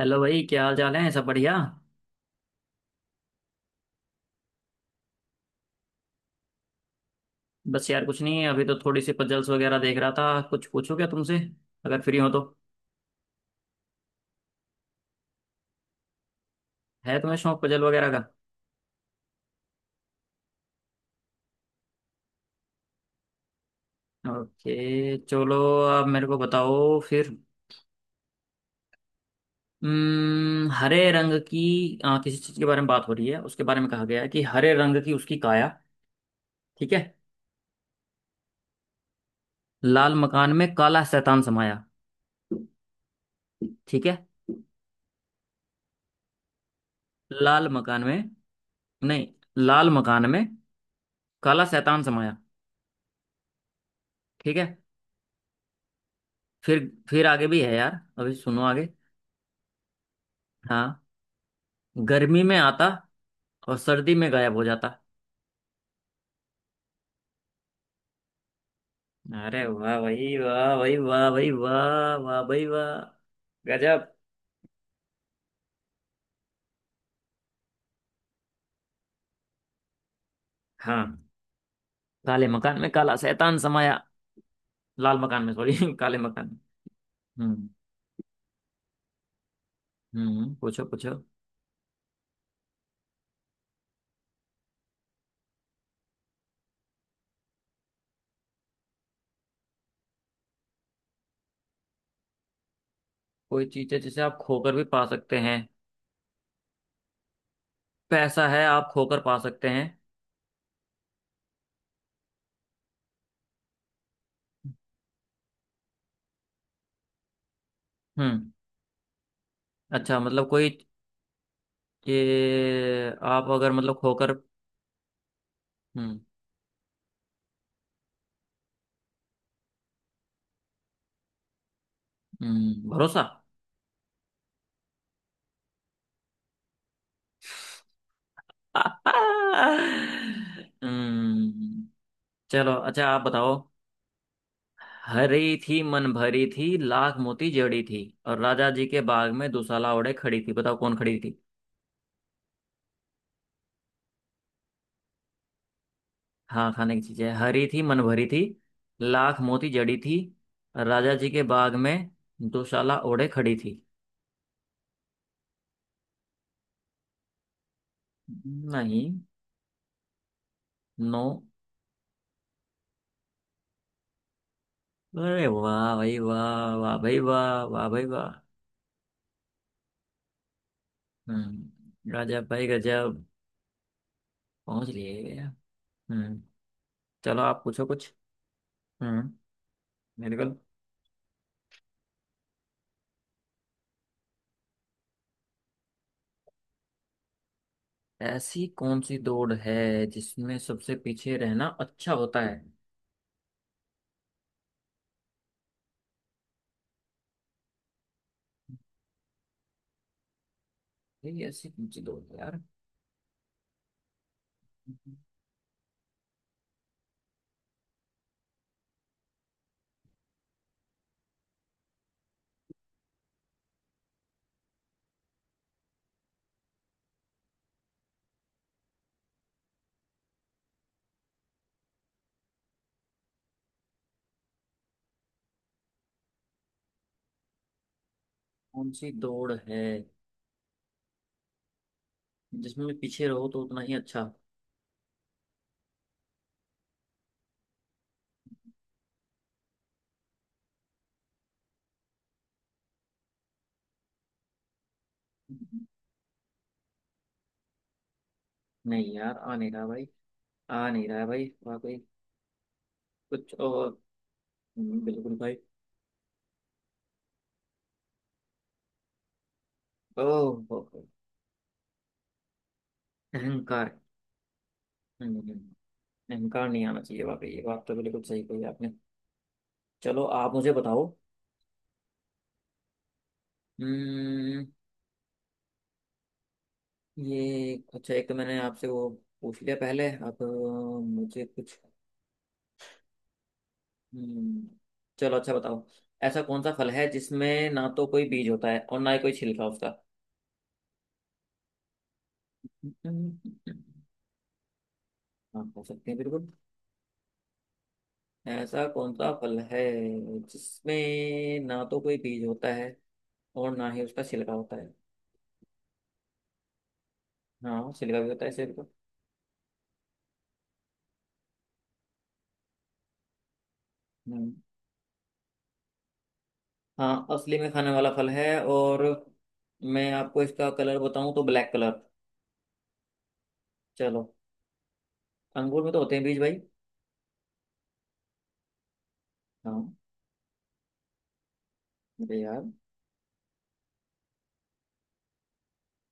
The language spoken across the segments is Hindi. हेलो भाई, क्या हाल चाल है? सब बढ़िया। बस यार कुछ नहीं, अभी तो थोड़ी सी पजल्स वगैरह देख रहा था। कुछ पूछूं क्या तुमसे, अगर फ्री हो तो? है तुम्हें शौक पजल वगैरह का? ओके चलो। अब मेरे को बताओ फिर। हरे रंग की किसी चीज के बारे में बात हो रही है, उसके बारे में कहा गया है कि हरे रंग की उसकी काया। ठीक है। लाल मकान में काला शैतान समाया। ठीक है। लाल मकान में। नहीं, लाल मकान में काला शैतान समाया। ठीक है। फिर आगे भी है यार, अभी सुनो आगे। हाँ। गर्मी में आता और सर्दी में गायब हो जाता। अरे वाह भाई, वाह भाई, वाह भाई वाह, वाह भाई वाह। गजब। हाँ। काले मकान में काला शैतान समाया। लाल मकान में सॉरी काले मकान में। हम्म। हम्म, पूछो पूछो। कोई चीज है जिसे आप खोकर भी पा सकते हैं? पैसा है, आप खोकर पा सकते हैं। हम्म। अच्छा मतलब कोई, ये आप अगर मतलब खोकर। हम्म। हम्म, भरोसा। हम्म चलो अच्छा, आप बताओ। हरी थी, मन भरी थी, लाख मोती जड़ी थी, और राजा जी के बाग में दुशाला ओढ़े खड़ी थी। बताओ कौन खड़ी थी। हाँ, खाने की चीजें। हरी थी, मन भरी थी, लाख मोती जड़ी थी, और राजा जी के बाग में दुशाला ओढ़े खड़ी थी। नहीं। नो। अरे वाह भाई वाह, वाह भाई वाह, वाह भाई वाह। हम्म। राजा भाई गजब। पहुंच लिए। हम्म चलो, आप पूछो कुछ। हम्म मेरे को। ऐसी कौन सी दौड़ है जिसमें सबसे पीछे रहना अच्छा होता है? ये ऐसी कौन सी दौड़ है यार? कौन सी दौड़ है जिसमें पीछे रहो तो उतना ही अच्छा? नहीं यार, आ नहीं रहा भाई। आ नहीं रहा है भाई वाकई। कुछ और। बिल्कुल भाई। ओह। हो, हो। अहंकार। हम्म, अहंकार नहीं आना चाहिए वाकई। ये बात तो बिल्कुल सही कही आपने। चलो, आप मुझे बताओ। हम्म ये अच्छा, एक तो मैंने आपसे वो पूछ लिया पहले। अब मुझे कुछ। हम्म, चलो अच्छा बताओ। ऐसा कौन सा फल है जिसमें ना तो कोई बीज होता है और ना ही कोई छिलका उसका? हाँ, हो सकते हैं बिल्कुल। ऐसा कौन सा फल है जिसमें ना तो कोई बीज होता है और ना ही उसका छिलका होता है? हाँ, छिलका भी होता है छिलका। हम्म। हाँ, असली में खाने वाला फल है। और मैं आपको इसका कलर बताऊं, तो ब्लैक कलर। चलो। अंगूर में तो होते हैं बीज भाई। हाँ। अरे यार।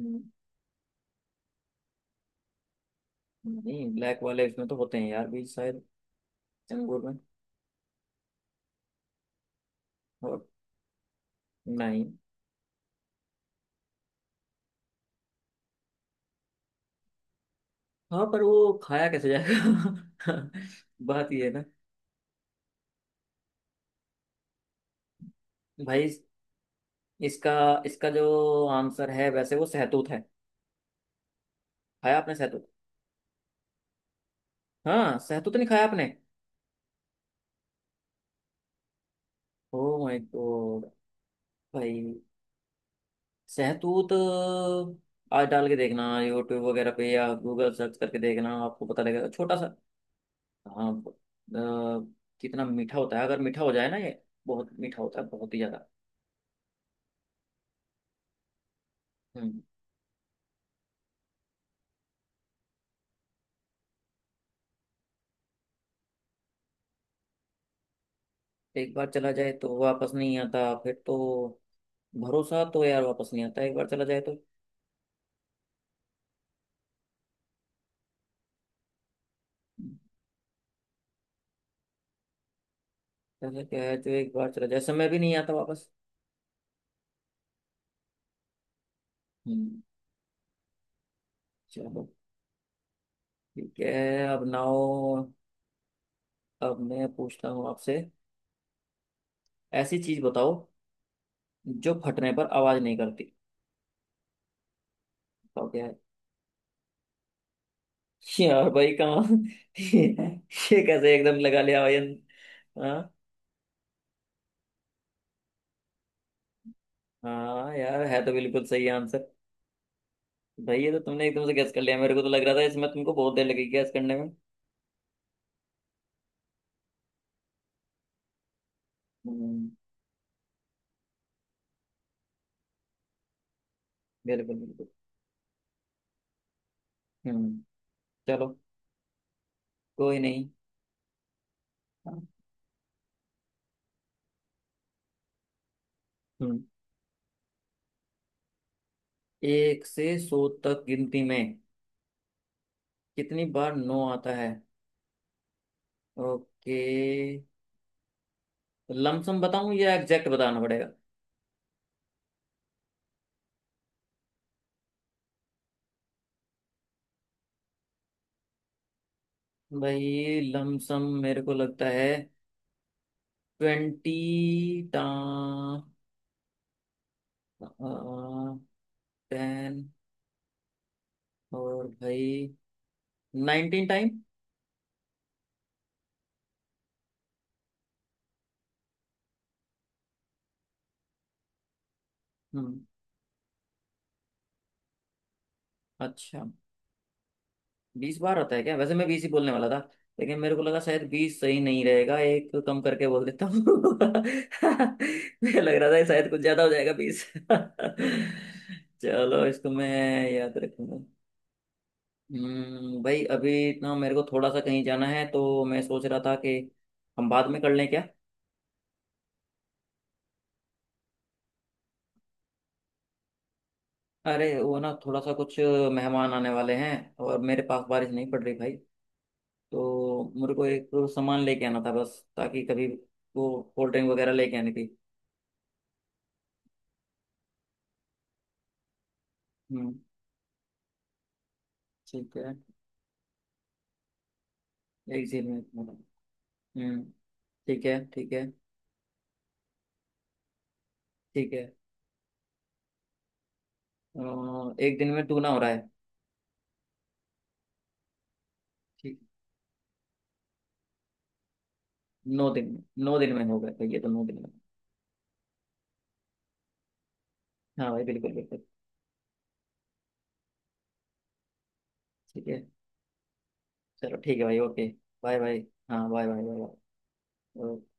हम्म। नहीं, ब्लैक वाले इसमें तो होते हैं यार बीज शायद, अंगूर में। और नहीं। हाँ, पर वो खाया कैसे जाएगा? बात ये है ना। भाई इस- इसका इसका जो आंसर है, वैसे वो सहतूत है। खाया आपने सहतूत? हाँ, सहतूत नहीं खाया आपने? Oh my God. भाई सहतूत! आज डाल के देखना यूट्यूब वगैरह पे, या गूगल सर्च करके देखना, आपको पता लगेगा छोटा सा। हाँ। कितना मीठा होता है अगर मीठा हो जाए ना ये। बहुत मीठा होता है, बहुत ही ज्यादा। हम्म एक बार चला जाए तो वापस नहीं आता, फिर तो भरोसा तो यार वापस नहीं आता एक बार चला जाए तो। ऐसा क्या है जो एक बार चला जाए? समय भी नहीं आता वापस। हम्म। चलो ठीक है। अब नाओ। अब मैं पूछता हूँ आपसे। ऐसी चीज बताओ जो फटने पर आवाज नहीं करती। बताओ क्या है। यार भाई कहाँ, ये कैसे एकदम लगा लिया भाई। हाँ। हाँ यार, है तो बिल्कुल सही आंसर। भाई ये तो तुमने एकदम से गैस कर लिया। मेरे को तो लग रहा था इसमें तुमको बहुत देर लगेगी गैस करने में। हम्म, बिल्कुल बिल्कुल। हम्म। चलो। कोई नहीं। हम्म, एक से 100 तक गिनती में कितनी बार नो आता है? ओके। लमसम बताऊं या एग्जैक्ट बताना पड़ेगा? भाई लमसम मेरे को लगता है 20, टा, 10 और भाई 19 टाइम। हम्म। अच्छा, 20 बार होता है क्या? वैसे मैं 20 ही बोलने वाला था, लेकिन मेरे को लगा शायद 20 सही नहीं रहेगा, एक कम करके बोल देता हूँ। मुझे लग रहा था ये शायद कुछ ज्यादा हो जाएगा 20। चलो इसको मैं याद रखूंगा। भाई अभी ना मेरे को थोड़ा सा कहीं जाना है, तो मैं सोच रहा था कि हम बाद में कर लें क्या? अरे वो ना थोड़ा सा कुछ मेहमान आने वाले हैं। और मेरे पास बारिश नहीं पड़ रही भाई, तो मेरे को एक सामान लेके आना था, बस ताकि कभी वो कोल्ड ड्रिंक वगैरह लेके आनी थी। हम्म, ठीक है। एक झील में इतना। हम्म, ठीक है। ठीक है, ठीक है। 1 दिन में टूना हो रहा है। ठीक। 9 दिन में, 9 दिन में हो गया तो ये तो 9 दिन में। हाँ भाई, बिल्कुल बिल्कुल। ठीक है। चलो ठीक है भाई, ओके। Bye bye. हाँ, बाय बाय। बाय।